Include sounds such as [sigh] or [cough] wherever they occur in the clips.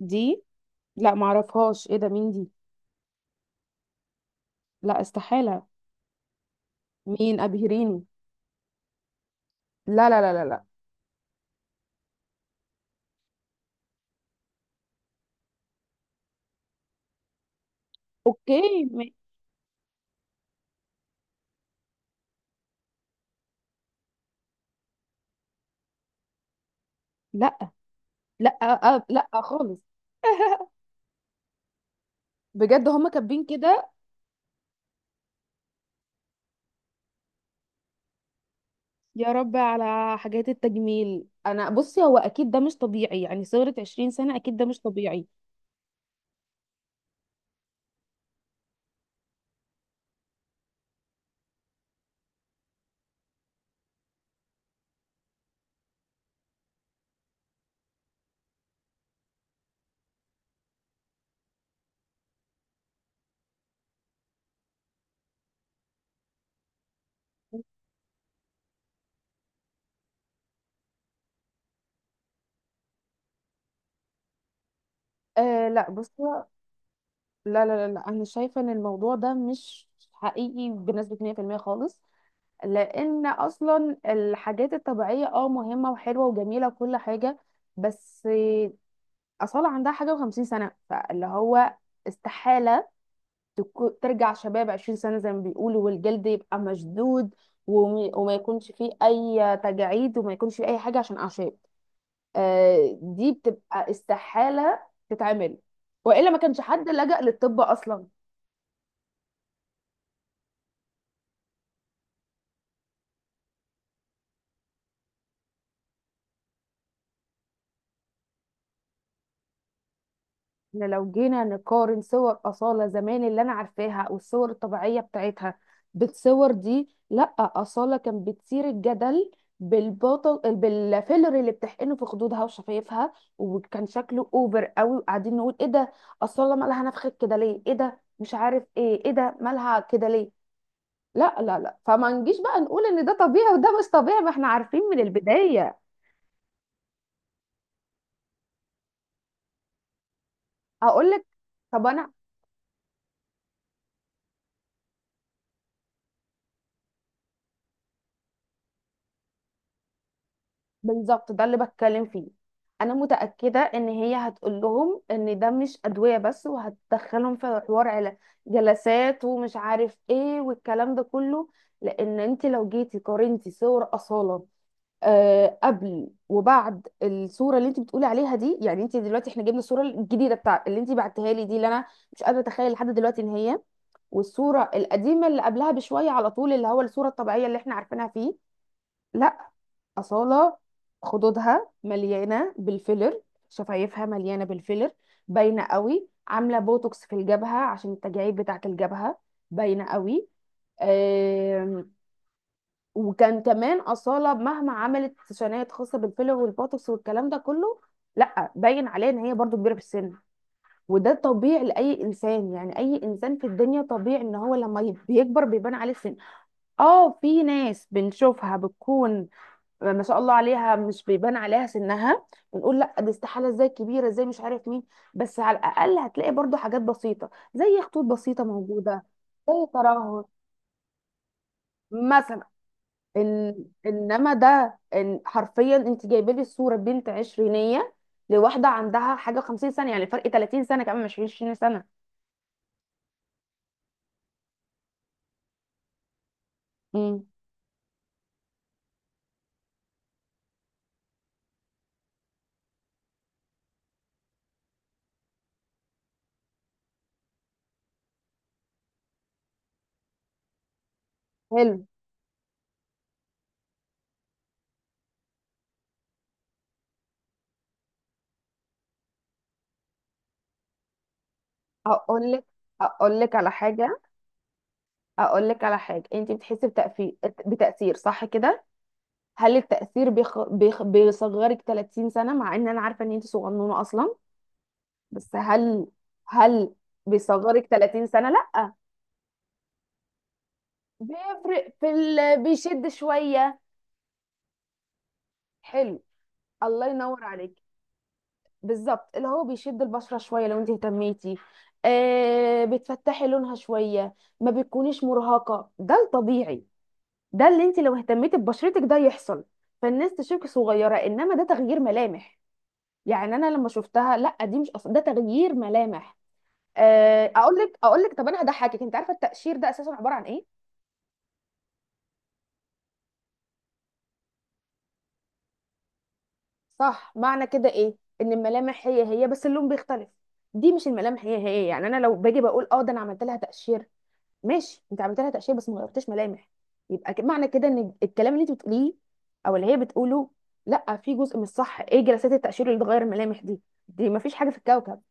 دي. لا معرفهاش، ايه ده؟ مين دي؟ لا، استحالة. مين؟ ابهريني. لا لا لا لا لا. اوكي لا لا، أه لا خالص. [laughs] بجد هما كاتبين كده. يا رب على حاجات التجميل، انا بصي هو اكيد ده مش طبيعي، يعني صغرت 20 سنة اكيد ده مش طبيعي. آه لا بصي، لا لا لا لا انا شايفة ان الموضوع ده مش حقيقي بنسبة 100% خالص. لان اصلا الحاجات الطبيعية مهمة وحلوة وجميلة وكل حاجة، بس أصالة عندها حاجة وخمسين سنة، فاللي هو استحالة ترجع شباب 20 سنة زي ما بيقولوا، والجلد يبقى مشدود وما يكونش فيه أي تجاعيد وما يكونش فيه أي حاجة عشان أعشاب. دي بتبقى استحالة تتعمل، وإلا ما كانش حد لجأ للطب أصلا. احنا لو جينا نقارن صور أصالة زمان اللي أنا عارفاها أو الصور الطبيعية بتاعتها بالصور دي، لأ أصالة كان بتثير الجدل بالبطل بالفيلر اللي بتحقنه في خدودها وشفايفها، وكان شكله اوفر قوي، وقاعدين نقول ايه ده، أصالة مالها نفخت كده ليه، ايه ده مش عارف ايه، ايه ده مالها كده ليه. لا لا لا، فما نجيش بقى نقول ان ده طبيعي وده مش طبيعي، ما احنا عارفين من البداية. هقول لك. طب انا بالظبط ده اللي بتكلم فيه، انا متاكده ان هي هتقول لهم ان ده مش ادويه بس، وهتدخلهم في حوار على جلسات ومش عارف ايه والكلام ده كله. لان انت لو جيتي قارنتي صور اصاله آه قبل وبعد الصوره اللي انت بتقولي عليها دي، يعني انت دلوقتي احنا جبنا الصوره الجديده بتاع اللي انت بعتها لي دي، اللي انا مش قادره اتخيل لحد دلوقتي ان هي، والصوره القديمه اللي قبلها بشويه على طول اللي هو الصوره الطبيعيه اللي احنا عارفينها فيه. لا. أصالة خدودها مليانة بالفيلر، شفايفها مليانة بالفيلر، باينة قوي، عاملة بوتوكس في الجبهة عشان التجاعيد بتاعة الجبهة باينة قوي. آم، وكان كمان أصالة مهما عملت سيشنات خاصة بالفيلر والبوتوكس والكلام ده كله، لا باين عليها ان هي برضو كبيرة في السن. وده طبيعي لأي إنسان، يعني أي إنسان في الدنيا طبيعي ان هو لما بيكبر بيبان عليه السن. اه، في ناس بنشوفها بتكون ما شاء الله عليها مش بيبان عليها سنها، بنقول لا دي استحاله، ازاي كبيره، ازاي، مش عارف مين. بس على الاقل هتلاقي برضو حاجات بسيطه زي خطوط بسيطه موجوده، زي ترهل مثلا. إن انما ده إن حرفيا انت جايبه لي صوره بنت عشرينيه لواحده عندها حاجه 50 سنه، يعني فرق 30 سنه كمان مش 20 سنه. امم. حلو. اقول لك، اقول لك على حاجه، اقول لك على حاجه، انت بتحسي بتاثير صح كده؟ هل التأثير بيصغرك 30 سنة، مع ان انا عارفة ان انت صغنونة اصلا، بس هل، هل بيصغرك 30 سنة؟ لا. بيفرق بيشد شوية. حلو. الله ينور عليك. بالظبط، اللي هو بيشد البشرة شوية لو انت اهتميتي، آه بتفتحي لونها شوية، ما بتكونيش مرهقة، ده الطبيعي، ده اللي انت لو اهتميتي ببشرتك ده يحصل، فالناس تشوفك صغيرة. انما ده تغيير ملامح، يعني انا لما شفتها، لا دي مش، اصلا ده تغيير ملامح. اقول لك، اقول لك، طب انا هضحكك، انت عارفه التقشير ده اساسا عباره عن ايه؟ صح. معنى كده ايه؟ ان الملامح هي هي بس اللون بيختلف. دي مش الملامح هي هي، يعني انا لو باجي بقول اه ده انا عملت لها تقشير، ماشي انت عملت لها تقشير بس ما غيرتش ملامح. يبقى معنى كده ان الكلام اللي انت بتقوليه او اللي هي بتقوله، لا في جزء مش صح. ايه جلسات التقشير اللي تغير الملامح دي؟ دي ما فيش حاجه في الكوكب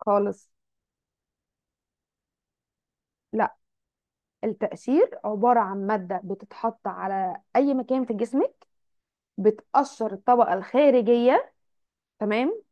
خالص. لا، التقشير عبارة عن مادة بتتحط على أي مكان في جسمك، بتقشر الطبقة الخارجية، تمام،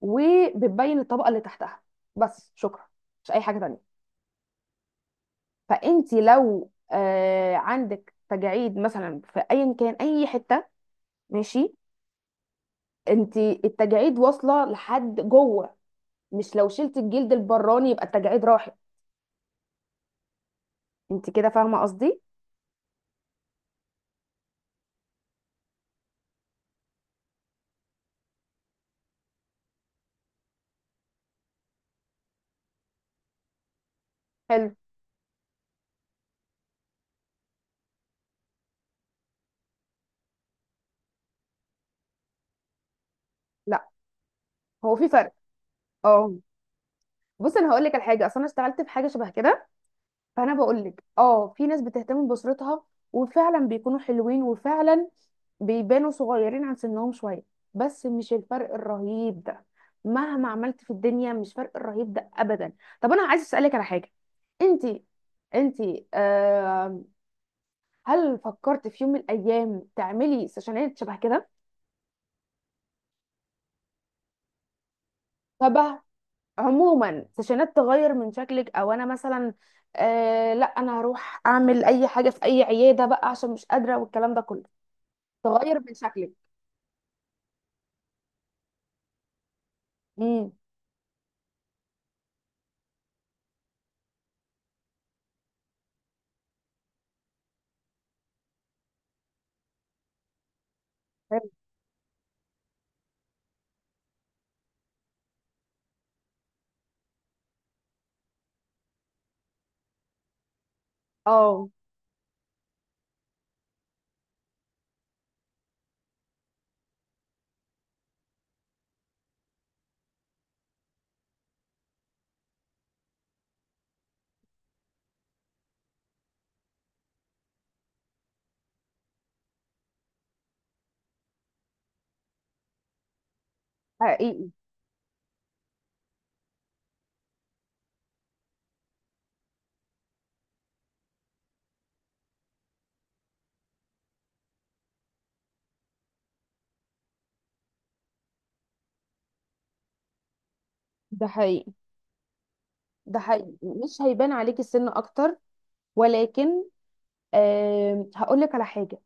وبتبين الطبقة اللي تحتها، بس. شكرا. مش أي حاجة تانية. فأنت لو آه عندك تجاعيد مثلا في أيا كان أي حتة، ماشي، أنت التجاعيد واصلة لحد جوه، مش لو شلت الجلد البراني يبقى التجاعيد راحت. أنت كده فاهمة قصدي؟ حلو. لا، هو في فرق. اه. بص انا هقول لك على حاجه، اصل انا اشتغلت في حاجه شبه كده، فانا بقول لك اه في ناس بتهتم باسرتها، وفعلا بيكونوا حلوين وفعلا بيبانوا صغيرين عن سنهم شويه، بس مش الفرق الرهيب ده. مهما عملت في الدنيا مش فرق الرهيب ده ابدا. طب انا عايز اسالك على حاجه. انت انت آه، هل فكرت في يوم من الايام تعملي سيشنات شبه كده؟ شبه، عموما سيشنات تغير من شكلك، او انا مثلا آه لا، انا هروح اعمل اي حاجه في اي عياده بقى عشان مش قادره والكلام ده كله، تغير من شكلك. امم. حلو. اه. حقيقي. ده حقيقي، ده حقيقي مش هيبان عليكي السن اكتر. ولكن، أه هقول لك على حاجه،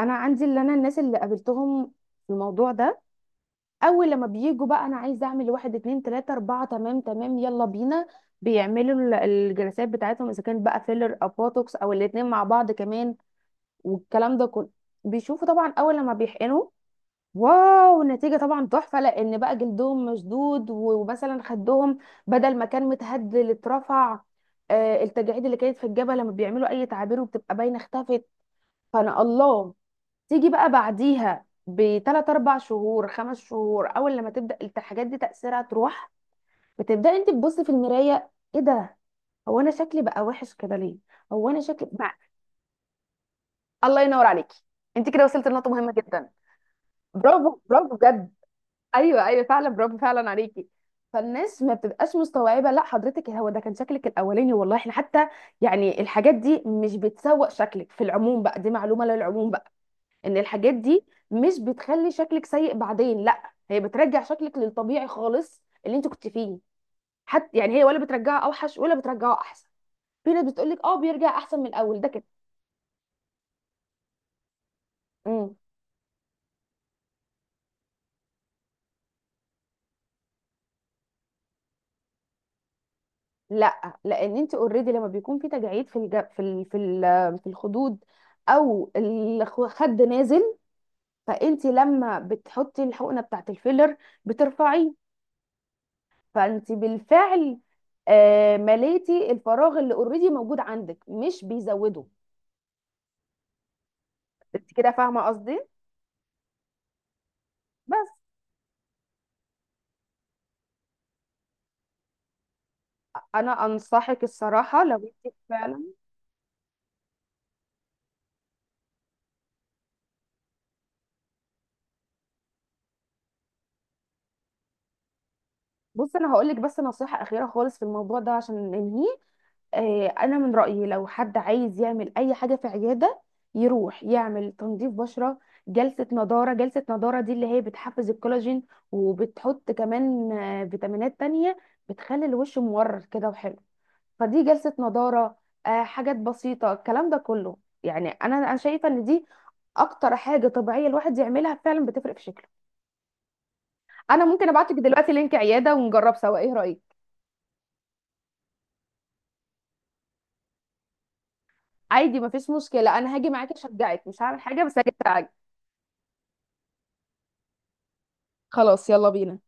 انا عندي اللي انا الناس اللي قابلتهم في الموضوع ده اول لما بيجوا بقى، انا عايزه اعمل واحد اتنين تلاته اربعه، تمام تمام يلا بينا، بيعملوا الجلسات بتاعتهم اذا كان بقى فيلر او بوتوكس او الاتنين مع بعض كمان والكلام ده كله. بيشوفوا طبعا اول لما بيحقنوا، واو، النتيجة طبعا تحفة، لأن بقى جلدهم مشدود ومثلا خدهم بدل ما كان متهدل اترفع. التجاعيد اللي كانت في الجبهة لما بيعملوا أي تعابير وبتبقى باينة اختفت. فأنا الله، تيجي بقى بعديها بتلات أربع شهور خمس شهور، أول لما تبدأ الحاجات دي تأثيرها تروح، بتبدأ أنت تبصي في المراية، إيه ده، هو أنا شكلي بقى وحش كده ليه، هو أنا شكلي. الله ينور عليكي. أنت كده وصلت لنقطة مهمة جدا. برافو برافو بجد. ايوه ايوه فعلا برافو فعلا عليكي. فالناس ما بتبقاش مستوعبه، لا حضرتك هو ده كان شكلك الاولاني والله، احنا حتى يعني الحاجات دي مش بتسوق شكلك في العموم بقى، دي معلومه للعموم بقى، ان الحاجات دي مش بتخلي شكلك سيء بعدين، لا هي بترجع شكلك للطبيعي خالص اللي انت كنت فيه. حتى يعني هي ولا بترجعه اوحش ولا بترجعه احسن. في ناس بتقول لك اه بيرجع احسن من الاول ده كده. إمم. لا لان انت اوريدي لما بيكون في تجاعيد في الج... في ال... في ال... في الخدود او الخد نازل، فانت لما بتحطي الحقنه بتاعت الفيلر بترفعيه، فانت بالفعل مليتي الفراغ اللي اوريدي موجود عندك، مش بيزوده. انت كده فاهمه قصدي؟ بس انا انصحك الصراحه لو انت فعلا، بص انا هقول لك بس نصيحه اخيره خالص في الموضوع ده عشان ننهيه. انا من رايي لو حد عايز يعمل اي حاجه في عياده، يروح يعمل تنظيف بشره، جلسه نضاره. جلسه نضاره دي اللي هي بتحفز الكولاجين، وبتحط كمان فيتامينات تانية بتخلي الوش مورر كده وحلو، فدي جلسه نضاره، حاجات بسيطه الكلام ده كله. يعني انا شايفه ان دي اكتر حاجه طبيعيه الواحد يعملها فعلا بتفرق في شكله. انا ممكن ابعتك دلوقتي لينك عياده ونجرب سوا، ايه رايك؟ عادي مفيش مشكله، انا هاجي معاكي اشجعك، مش هعمل حاجه بس هاجي أشجعك. خلاص يلا بينا.